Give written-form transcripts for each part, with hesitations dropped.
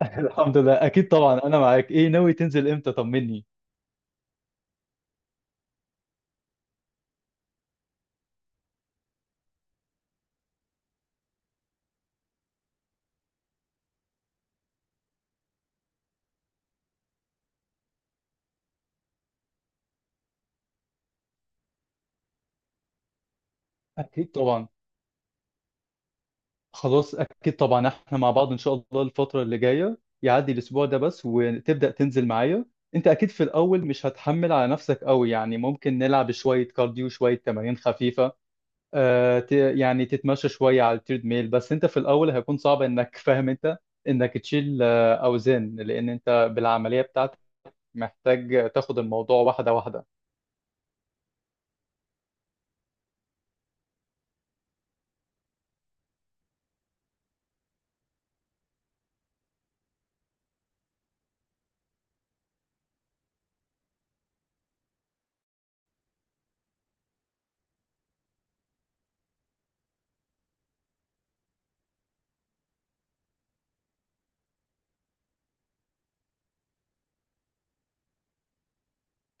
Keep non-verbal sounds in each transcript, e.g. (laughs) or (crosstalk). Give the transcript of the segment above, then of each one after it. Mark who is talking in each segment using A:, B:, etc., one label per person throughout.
A: (laughs) الحمد لله، اكيد طبعا انا معاك. ايه ناوي تنزل امتى؟ طمني. اكيد طبعا. خلاص اكيد طبعا، احنا مع بعض ان شاء الله. الفتره اللي جايه يعدي الاسبوع ده بس وتبدا تنزل معايا. انت اكيد في الاول مش هتحمل على نفسك قوي، يعني ممكن نلعب شويه كارديو، شويه تمارين خفيفه. يعني تتمشى شويه على التريد ميل، بس انت في الاول هيكون صعب انك (laughs) فاهم انت، انك تشيل اوزان لان انت بالعمليه بتاعتك محتاج تاخد الموضوع واحده واحده.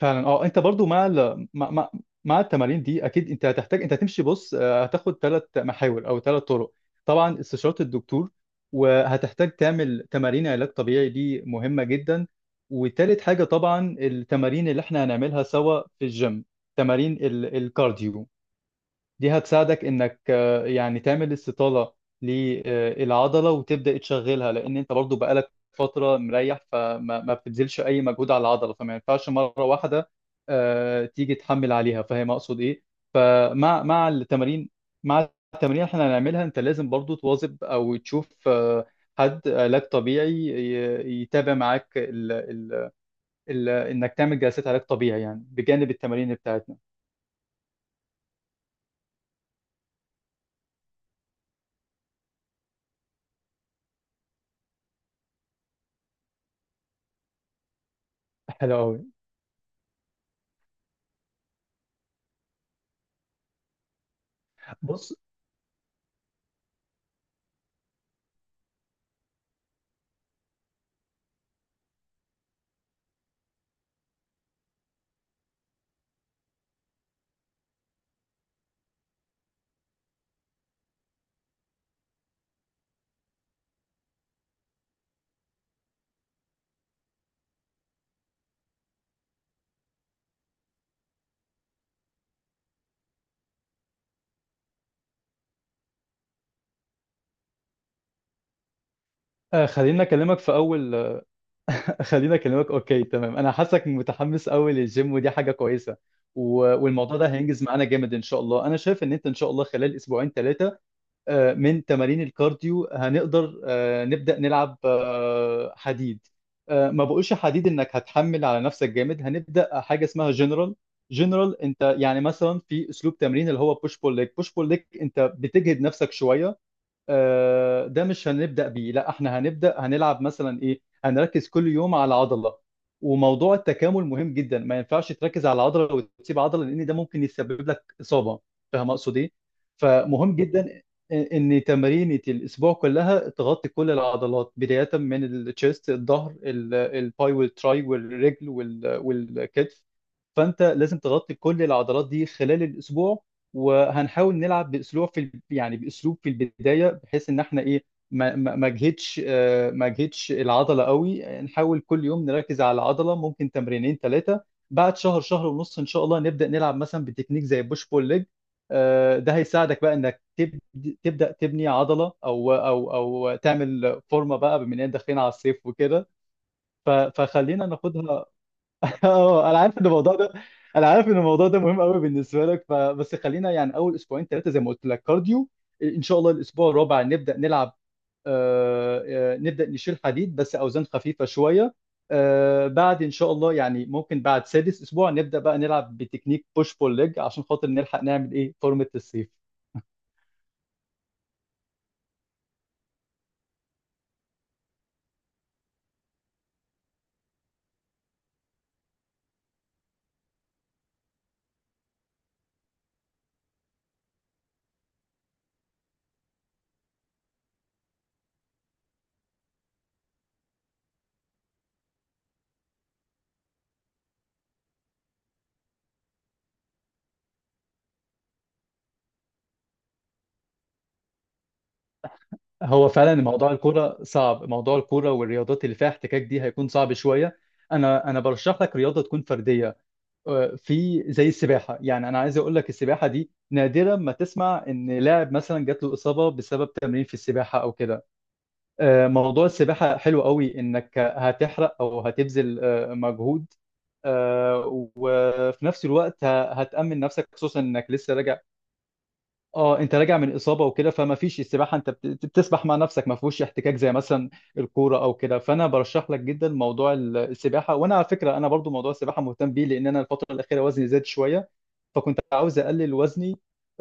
A: فعلا اه، انت برضو مع ال... مع مع مع التمارين دي اكيد انت هتحتاج، انت هتمشي، بص هتاخد ثلاث محاور او ثلاث طرق. طبعا استشارة الدكتور، وهتحتاج تعمل تمارين علاج طبيعي دي مهمة جدا. وتالت حاجة طبعا التمارين اللي احنا هنعملها سوا في الجيم، تمارين الكارديو دي هتساعدك انك يعني تعمل استطالة للعضلة وتبدأ تشغلها، لان انت برضو بقالك فترة مريح فما ما بتبذلش اي مجهود على العضلة، فما ينفعش مرة واحدة تيجي تحمل عليها. فاهم اقصد ايه؟ فمع مع التمارين مع التمارين اللي احنا هنعملها انت لازم برضو تواظب او تشوف حد علاج طبيعي يتابع معاك ال ال ال انك تعمل جلسات علاج طبيعي يعني بجانب التمارين بتاعتنا. (laughs) حلو قوي. بص، آه، خليني اكلمك في اول آه، (laughs) خليني اكلمك. اوكي تمام، انا حاسك متحمس قوي للجيم ودي حاجه كويسه. و... والموضوع ده هينجز معانا جامد ان شاء الله. انا شايف ان انت ان شاء الله خلال اسبوعين ثلاثه من تمارين الكارديو هنقدر نبدا نلعب حديد. ما بقولش حديد انك هتحمل على نفسك جامد، هنبدا حاجه اسمها جنرال. انت يعني مثلا في اسلوب تمرين اللي هو بوش بول ليج، بوش بول ليج انت بتجهد نفسك شويه. ده مش هنبدأ بيه، لا احنا هنلعب مثلا ايه، هنركز كل يوم على عضلة. وموضوع التكامل مهم جدا، ما ينفعش تركز على عضلة وتسيب عضلة لان ده ممكن يسبب لك إصابة. فاهم اقصد ايه؟ فمهم جدا ان تمارين الاسبوع كلها تغطي كل العضلات، بداية من التشيست، الظهر، الباي والتراي والرجل والكتف. فانت لازم تغطي كل العضلات دي خلال الاسبوع. وهنحاول نلعب باسلوب يعني باسلوب في البدايه، بحيث ان احنا ايه، ما اجهدش العضله قوي. نحاول كل يوم نركز على العضله، ممكن تمرينين ثلاثه. بعد شهر، شهر ونص، ان شاء الله نبدا نلعب مثلا بتكنيك زي بوش بول ليج. ده هيساعدك بقى انك تبدا تبني عضله او تعمل فورمه بقى، بما اننا داخلين على الصيف وكده. ف- فخلينا ناخدها. (laughs) اه، انا عارف ان الموضوع ده مهم قوي بالنسبه لك. فبس خلينا يعني اول اسبوعين ثلاثه زي ما قلت لك كارديو، ان شاء الله الاسبوع الرابع نبدا نلعب. آه نبدا نشيل حديد بس اوزان خفيفه شويه. بعد ان شاء الله يعني ممكن بعد سادس اسبوع نبدا بقى نلعب بتكنيك بوش بول ليج عشان خاطر نلحق نعمل ايه فورمه الصيف. هو فعلا موضوع الكوره صعب، موضوع الكوره والرياضات اللي فيها احتكاك دي هيكون صعب شويه. انا برشح لك رياضه تكون فرديه، في زي السباحه. يعني انا عايز اقول لك السباحه دي، نادرا ما تسمع ان لاعب مثلا جات له اصابه بسبب تمرين في السباحه او كده. موضوع السباحه حلو قوي، انك هتحرق او هتبذل مجهود. آه، وفي نفس الوقت هتأمن نفسك خصوصا انك لسه راجع. اه، انت راجع من اصابه وكده، فما فيش، السباحه انت بتسبح مع نفسك، ما فيهوش احتكاك زي مثلا الكوره او كده. فانا برشح لك جدا موضوع السباحه. وانا على فكره انا برضو موضوع السباحه مهتم بيه، لان انا الفتره الاخيره وزني زاد شويه فكنت عاوز اقلل وزني.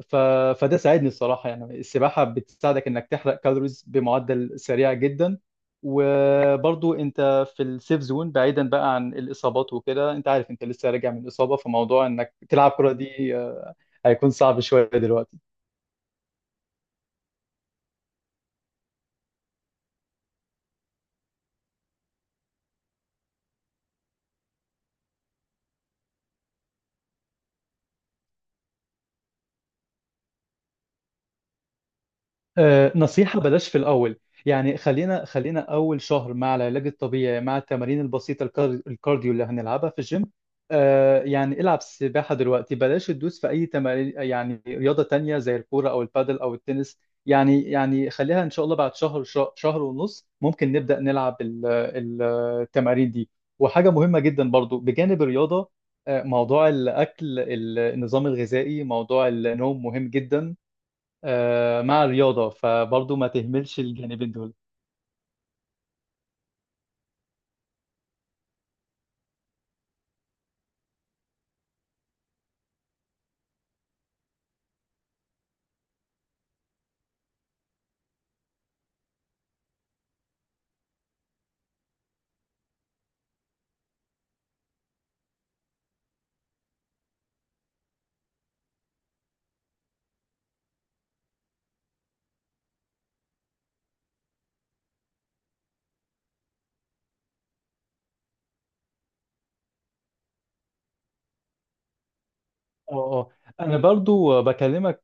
A: ف... فده ساعدني الصراحه، يعني السباحه بتساعدك انك تحرق كالوريز بمعدل سريع جدا. وبرضو انت في السيف زون بعيدا بقى عن الاصابات وكده، انت عارف انت لسه راجع من اصابه، فموضوع انك تلعب كره دي هيكون صعب شويه دلوقتي. نصيحة بلاش في الأول. يعني خلينا أول شهر مع العلاج الطبيعي، مع التمارين البسيطة، الكارديو اللي هنلعبها في الجيم. يعني العب سباحة دلوقتي، بلاش تدوس في أي تمارين يعني رياضة تانية زي الكورة أو البادل أو التنس. يعني خليها إن شاء الله، بعد شهر، شهر ونص ممكن نبدأ نلعب التمارين دي. وحاجة مهمة جدا برضو بجانب الرياضة، موضوع الأكل، النظام الغذائي، موضوع النوم مهم جدا. مع الرياضة، فبرضه ما تهملش الجانبين دول. اه اه انا برضه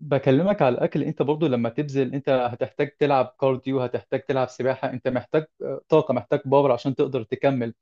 A: بكلمك على الاكل، انت برضه لما تبذل انت هتحتاج تلعب كارديو، هتحتاج تلعب سباحة، انت محتاج طاقة، محتاج باور عشان تقدر تكمل.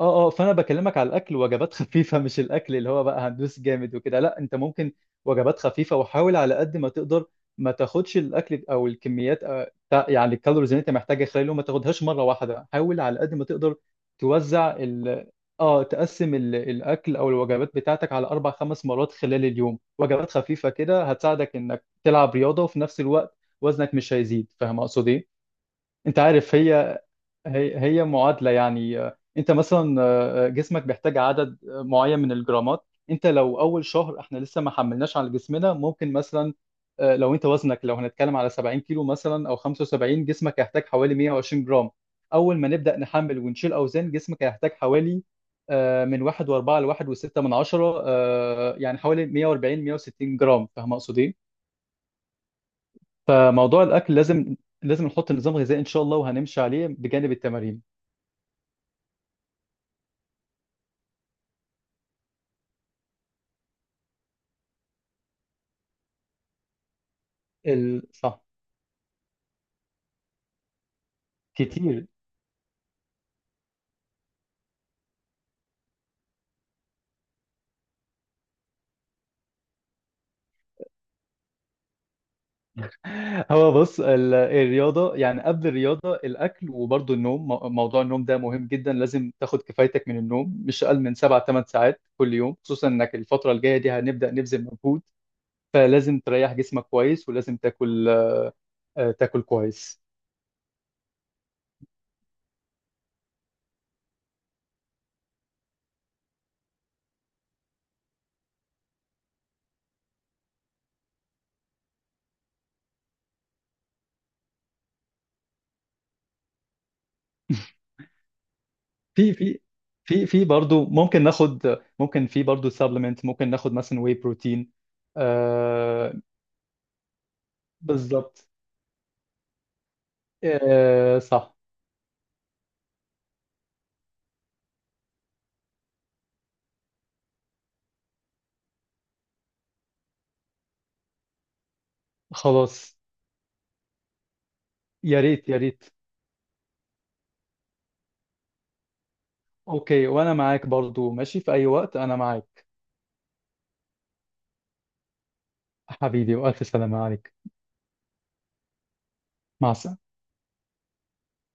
A: اه فانا بكلمك على الاكل، وجبات خفيفه مش الاكل اللي هو بقى هندوس جامد وكده، لا انت ممكن وجبات خفيفه. وحاول على قد ما تقدر ما تاخدش الاكل او الكميات، يعني الكالوريز اللي انت محتاجها خلال اليوم، ما تاخدهاش مره واحده. حاول على قد ما تقدر توزع ال اه تقسم ال- الاكل او الوجبات بتاعتك على اربع خمس مرات خلال اليوم، وجبات خفيفه كده هتساعدك انك تلعب رياضه، وفي نفس الوقت وزنك مش هيزيد. فاهم اقصد ايه؟ انت عارف هي معادلة يعني. انت مثلا، جسمك بيحتاج عدد معين من الجرامات. انت لو اول شهر احنا لسه ما حملناش على جسمنا ممكن مثلا، لو انت وزنك لو هنتكلم على 70 كيلو مثلا او 75، جسمك هيحتاج حوالي 120 جرام. اول ما نبدأ نحمل ونشيل اوزان، جسمك هيحتاج حوالي من 1.4 ل 1.6 من عشرة، يعني حوالي 140، 160 جرام. فاهم اقصد ايه؟ فموضوع الاكل لازم نحط نظام غذائي ان شاء الله، وهنمشي عليه بجانب التمارين. صح. كتير. هو بص الرياضة، يعني قبل الرياضة الأكل وبرضه النوم، موضوع النوم ده مهم جدا، لازم تاخد كفايتك من النوم، مش أقل من سبع ثمان ساعات كل يوم، خصوصا إنك الفترة الجاية دي هنبدأ نبذل مجهود، فلازم تريح جسمك كويس ولازم تاكل تاكل كويس. (laughs) في في في في برضه ممكن ناخد، في برضه سبلمنت ممكن ناخد مثلا واي بروتين. آه بالظبط. صح. خلاص. يا ريت يا ريت. اوكي، وانا معاك برضو ماشي في اي وقت، انا معاك. حبيبي، والف سلامة عليك. مع السلامة.